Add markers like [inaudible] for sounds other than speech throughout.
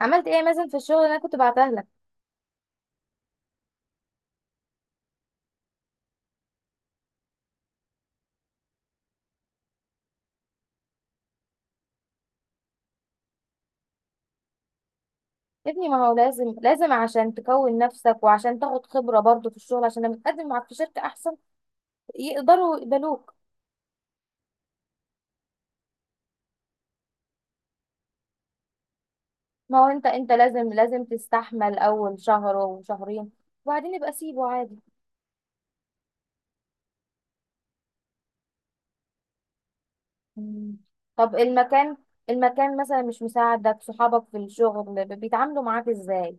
عملت ايه مثلا في الشغل اللي انا كنت بعتها لك؟ يا ابني، ما هو لازم عشان تكون نفسك وعشان تاخد خبرة برضو في الشغل، عشان لما تقدم معاك في شركة احسن يقدروا يقبلوك. ما هو انت لازم تستحمل اول شهر وشهرين وبعدين يبقى سيبه عادي. مم. طب المكان مثلا مش مساعدك، صحابك في الشغل بيتعاملوا معاك ازاي؟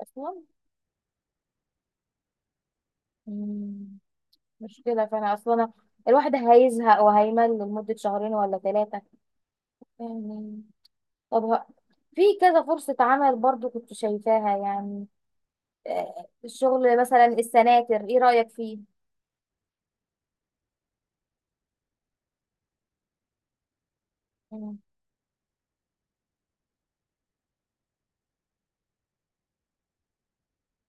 اصلا. مم. مشكلة، فانا اصلا الواحد هيزهق وهيمل لمدة شهرين ولا ثلاثة يعني. طب في كذا فرصة عمل برضو كنت شايفاها، يعني الشغل مثلا السناتر ايه رأيك فيه؟ مم.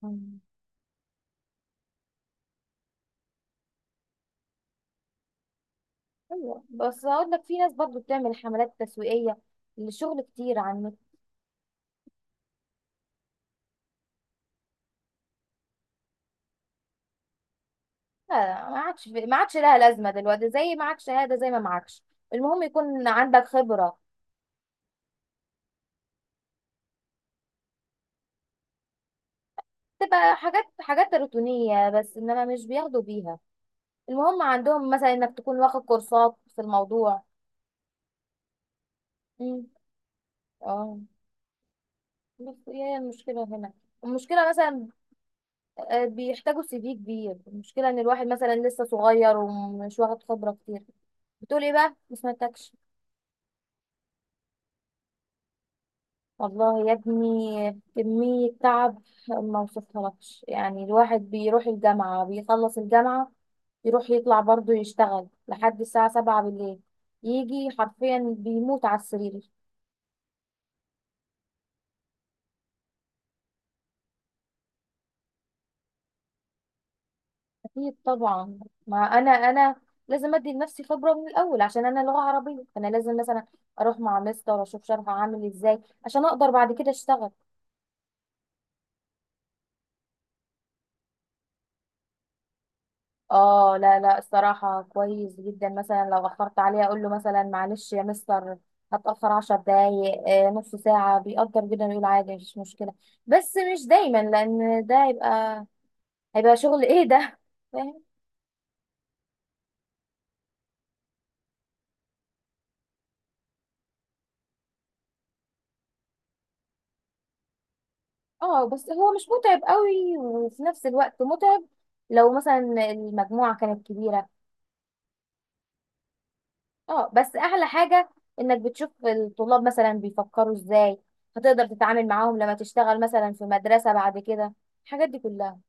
مم. ايوه، بس هقول لك في ناس برضو بتعمل حملات تسويقية لشغل كتير عن النت. لا، ما عادش لها لازمة دلوقتي، زي معاك شهادة زي ما معكش، المهم يكون عندك خبرة. تبقى حاجات روتينية بس، انما مش بياخدوا بيها، المهم عندهم مثلا انك تكون واخد كورسات في الموضوع. مم. اه بس هي المشكلة هنا، المشكلة مثلا بيحتاجوا سي في كبير، المشكله ان الواحد مثلا لسه صغير ومش واخد خبره كتير. بتقول ايه بقى؟ ما سمعتكش. والله يا ابني، كمية تعب ما وصفهالكش، يعني الواحد بيروح الجامعة بيخلص الجامعة يروح يطلع برضه يشتغل لحد الساعة 7 بالليل، يجي حرفيا بيموت على السرير. أكيد طبعا. ما أنا لازم أدي لنفسي خبرة من الأول، عشان أنا لغة عربية فأنا لازم مثلا أروح مع مستر أشوف شرح عامل إزاي عشان أقدر بعد كده أشتغل. اه لا لا، الصراحة كويس جدا، مثلا لو أخرت عليه أقول له مثلا معلش يا مستر، هتأخر 10 دقايق نص ساعة، بيقدر جدا يقول عادي مفيش مشكلة. بس مش دايما، لأن ده هيبقى شغل ايه ده [laughs] فاهم؟ اه بس هو مش متعب قوي، وفي نفس الوقت متعب لو مثلا المجموعة كانت كبيرة. اه بس أحلى حاجة إنك بتشوف الطلاب مثلا بيفكروا ازاي، هتقدر تتعامل معاهم لما تشتغل مثلا في مدرسة بعد كده، الحاجات دي كلها.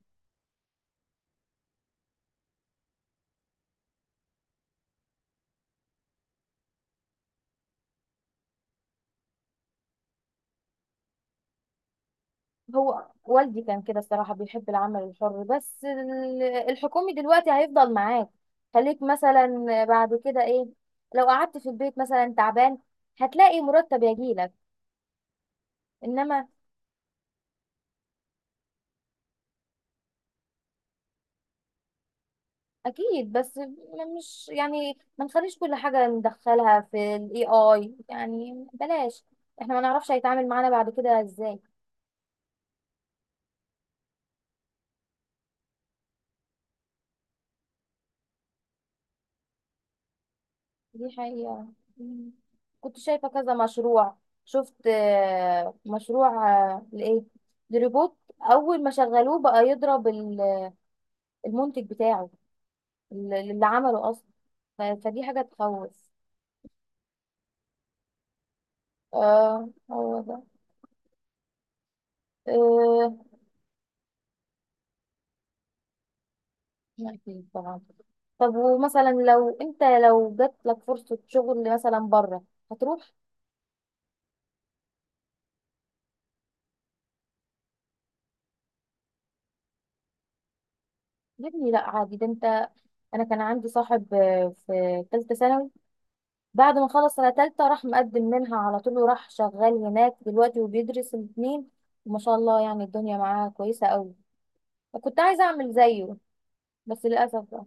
هو والدي كان كده الصراحة بيحب العمل الحر، بس الحكومي دلوقتي هيفضل معاك، خليك مثلا بعد كده ايه، لو قعدت في البيت مثلا تعبان هتلاقي مرتب يجيلك. انما اكيد، بس مش يعني ما نخليش كل حاجة ندخلها في الاي اي، يعني بلاش، احنا ما نعرفش هيتعامل معانا بعد كده ازاي. دي حقيقة. مم. كنت شايفة كذا مشروع، شفت مشروع، لإيه؟ لروبوت، أول ما شغلوه بقى يضرب المنتج بتاعه اللي عمله أصلا، فدي حاجة تخوف. اه هو ده. آه. أكيد طبعا. طب ومثلا لو جات لك فرصة شغل مثلا بره، هتروح؟ يا ابني لا عادي، ده انت... انا كان عندي صاحب في ثالثة ثانوي، بعد ما خلص سنة تالتة راح مقدم منها على طول، وراح شغال هناك دلوقتي وبيدرس الاتنين، وما شاء الله يعني الدنيا معاه كويسة قوي، كنت عايزة أعمل زيه بس للأسف بقى.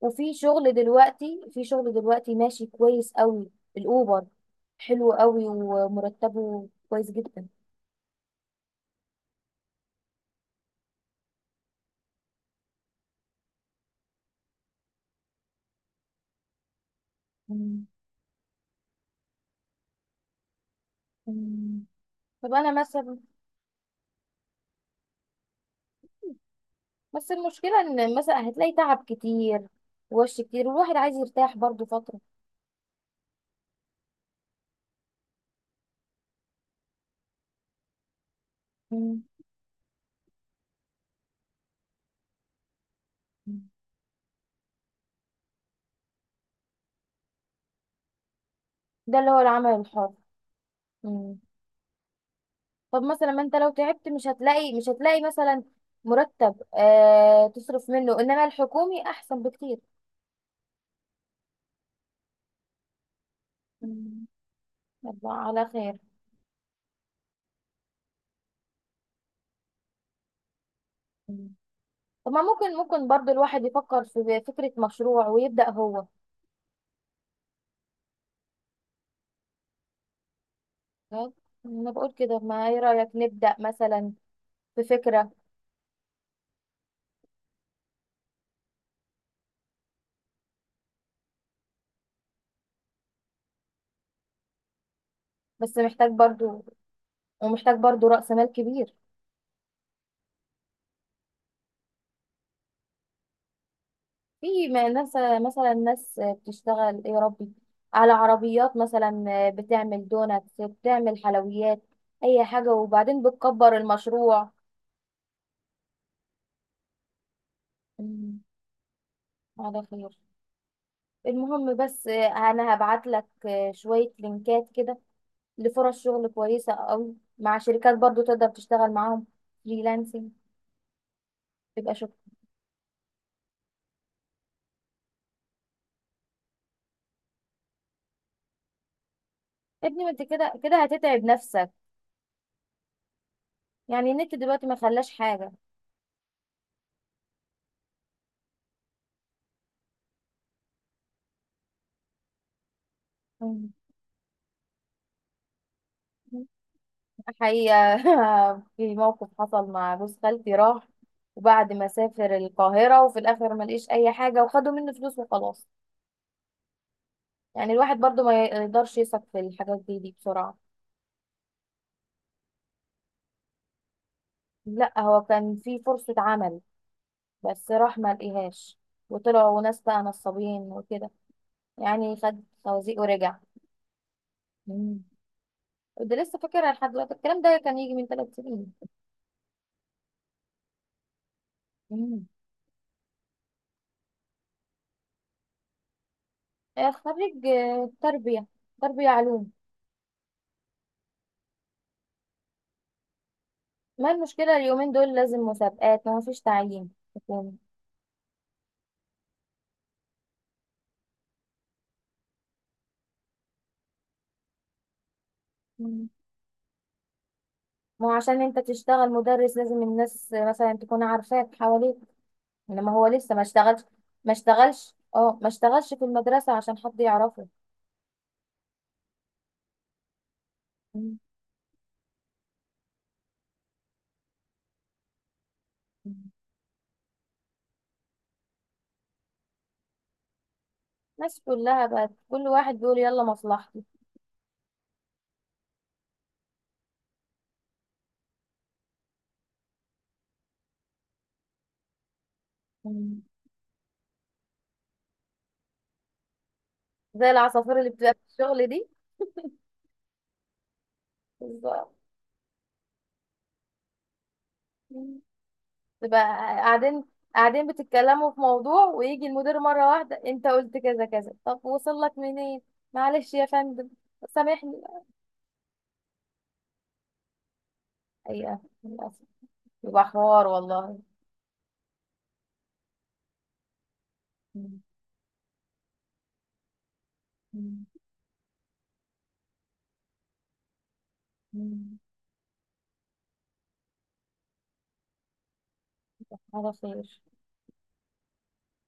وفي شغل دلوقتي في شغل دلوقتي ماشي كويس قوي، الأوبر حلو قوي ومرتبه كويس جدا. مم. مم. طب أنا مثلا، بس المشكلة إن مثلا هتلاقي تعب كتير ووش كتير، والواحد عايز يرتاح برضو فترة. مم. ده اللي هو العمل الحر. مم. طب مثلا ما انت لو تعبت مش هتلاقي مثلا مرتب تصرف منه، انما الحكومي احسن بكتير. مم. الله على خير. مم. طب ما ممكن برضو الواحد يفكر في فكرة مشروع ويبدأ هو، فاهم؟ انا بقول كده، ما ايه رأيك نبدأ مثلا بفكرة؟ بس محتاج برضو، ومحتاج برضو رأس مال كبير. في ناس، مثلا ناس بتشتغل إيه يا ربي، على عربيات مثلا بتعمل دونات، بتعمل حلويات، اي حاجة، وبعدين بتكبر المشروع. مم. على خير. المهم بس، انا هبعت لك شوية لينكات كده لفرص شغل كويسة قوي، مع شركات برضو تقدر تشتغل معاهم فريلانسنج، تبقى شغل. ابني ما انت كده كده هتتعب نفسك، يعني النت دلوقتي ما خلاش حاجة. مم. حقيقة [laughs] في موقف حصل مع جوز خالتي، راح وبعد ما سافر القاهرة وفي الآخر ما لقيش أي حاجة، وخدوا منه فلوس وخلاص، يعني الواحد برضو ما يقدرش يثق في الحاجات دي بسرعة. لا هو كان في فرصة عمل بس راح ما لقيهاش، وطلعوا ناس بقى نصابين وكده، يعني خد خوازيق ورجع. مم. كنت لسه فاكرها لحد دلوقتي، الكلام ده كان يجي من 3 سنين. مم. خريج تربية، تربية علوم. ما المشكلة اليومين دول لازم مسابقات، ما فيش تعيين حكومي. مم. ما هو عشان انت تشتغل مدرس لازم الناس مثلا تكون عارفاك حواليك، انما هو لسه ما اشتغلش، ما اشتغلش في المدرسة عشان حد يعرفه. مم. الناس كلها بقت كل واحد بيقول يلا مصلحتي. مم. زي العصافير اللي بتبقى في الشغل دي، بالظبط. تبقى قاعدين قاعدين بتتكلموا في موضوع ويجي المدير مرة واحدة، انت قلت كذا كذا، طب وصل لك منين؟ معلش يا فندم، سامحني. ايوه للأسف، يبقى حوار والله. مم. مم. مم. على خير.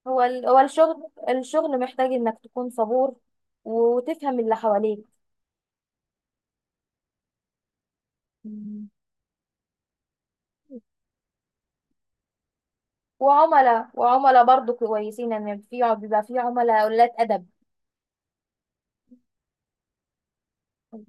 هو الشغل، الشغل محتاج انك تكون صبور وتفهم اللي حواليك. مم. وعملاء برضو كويسين، ان في بيبقى في عملاء قلات ادب.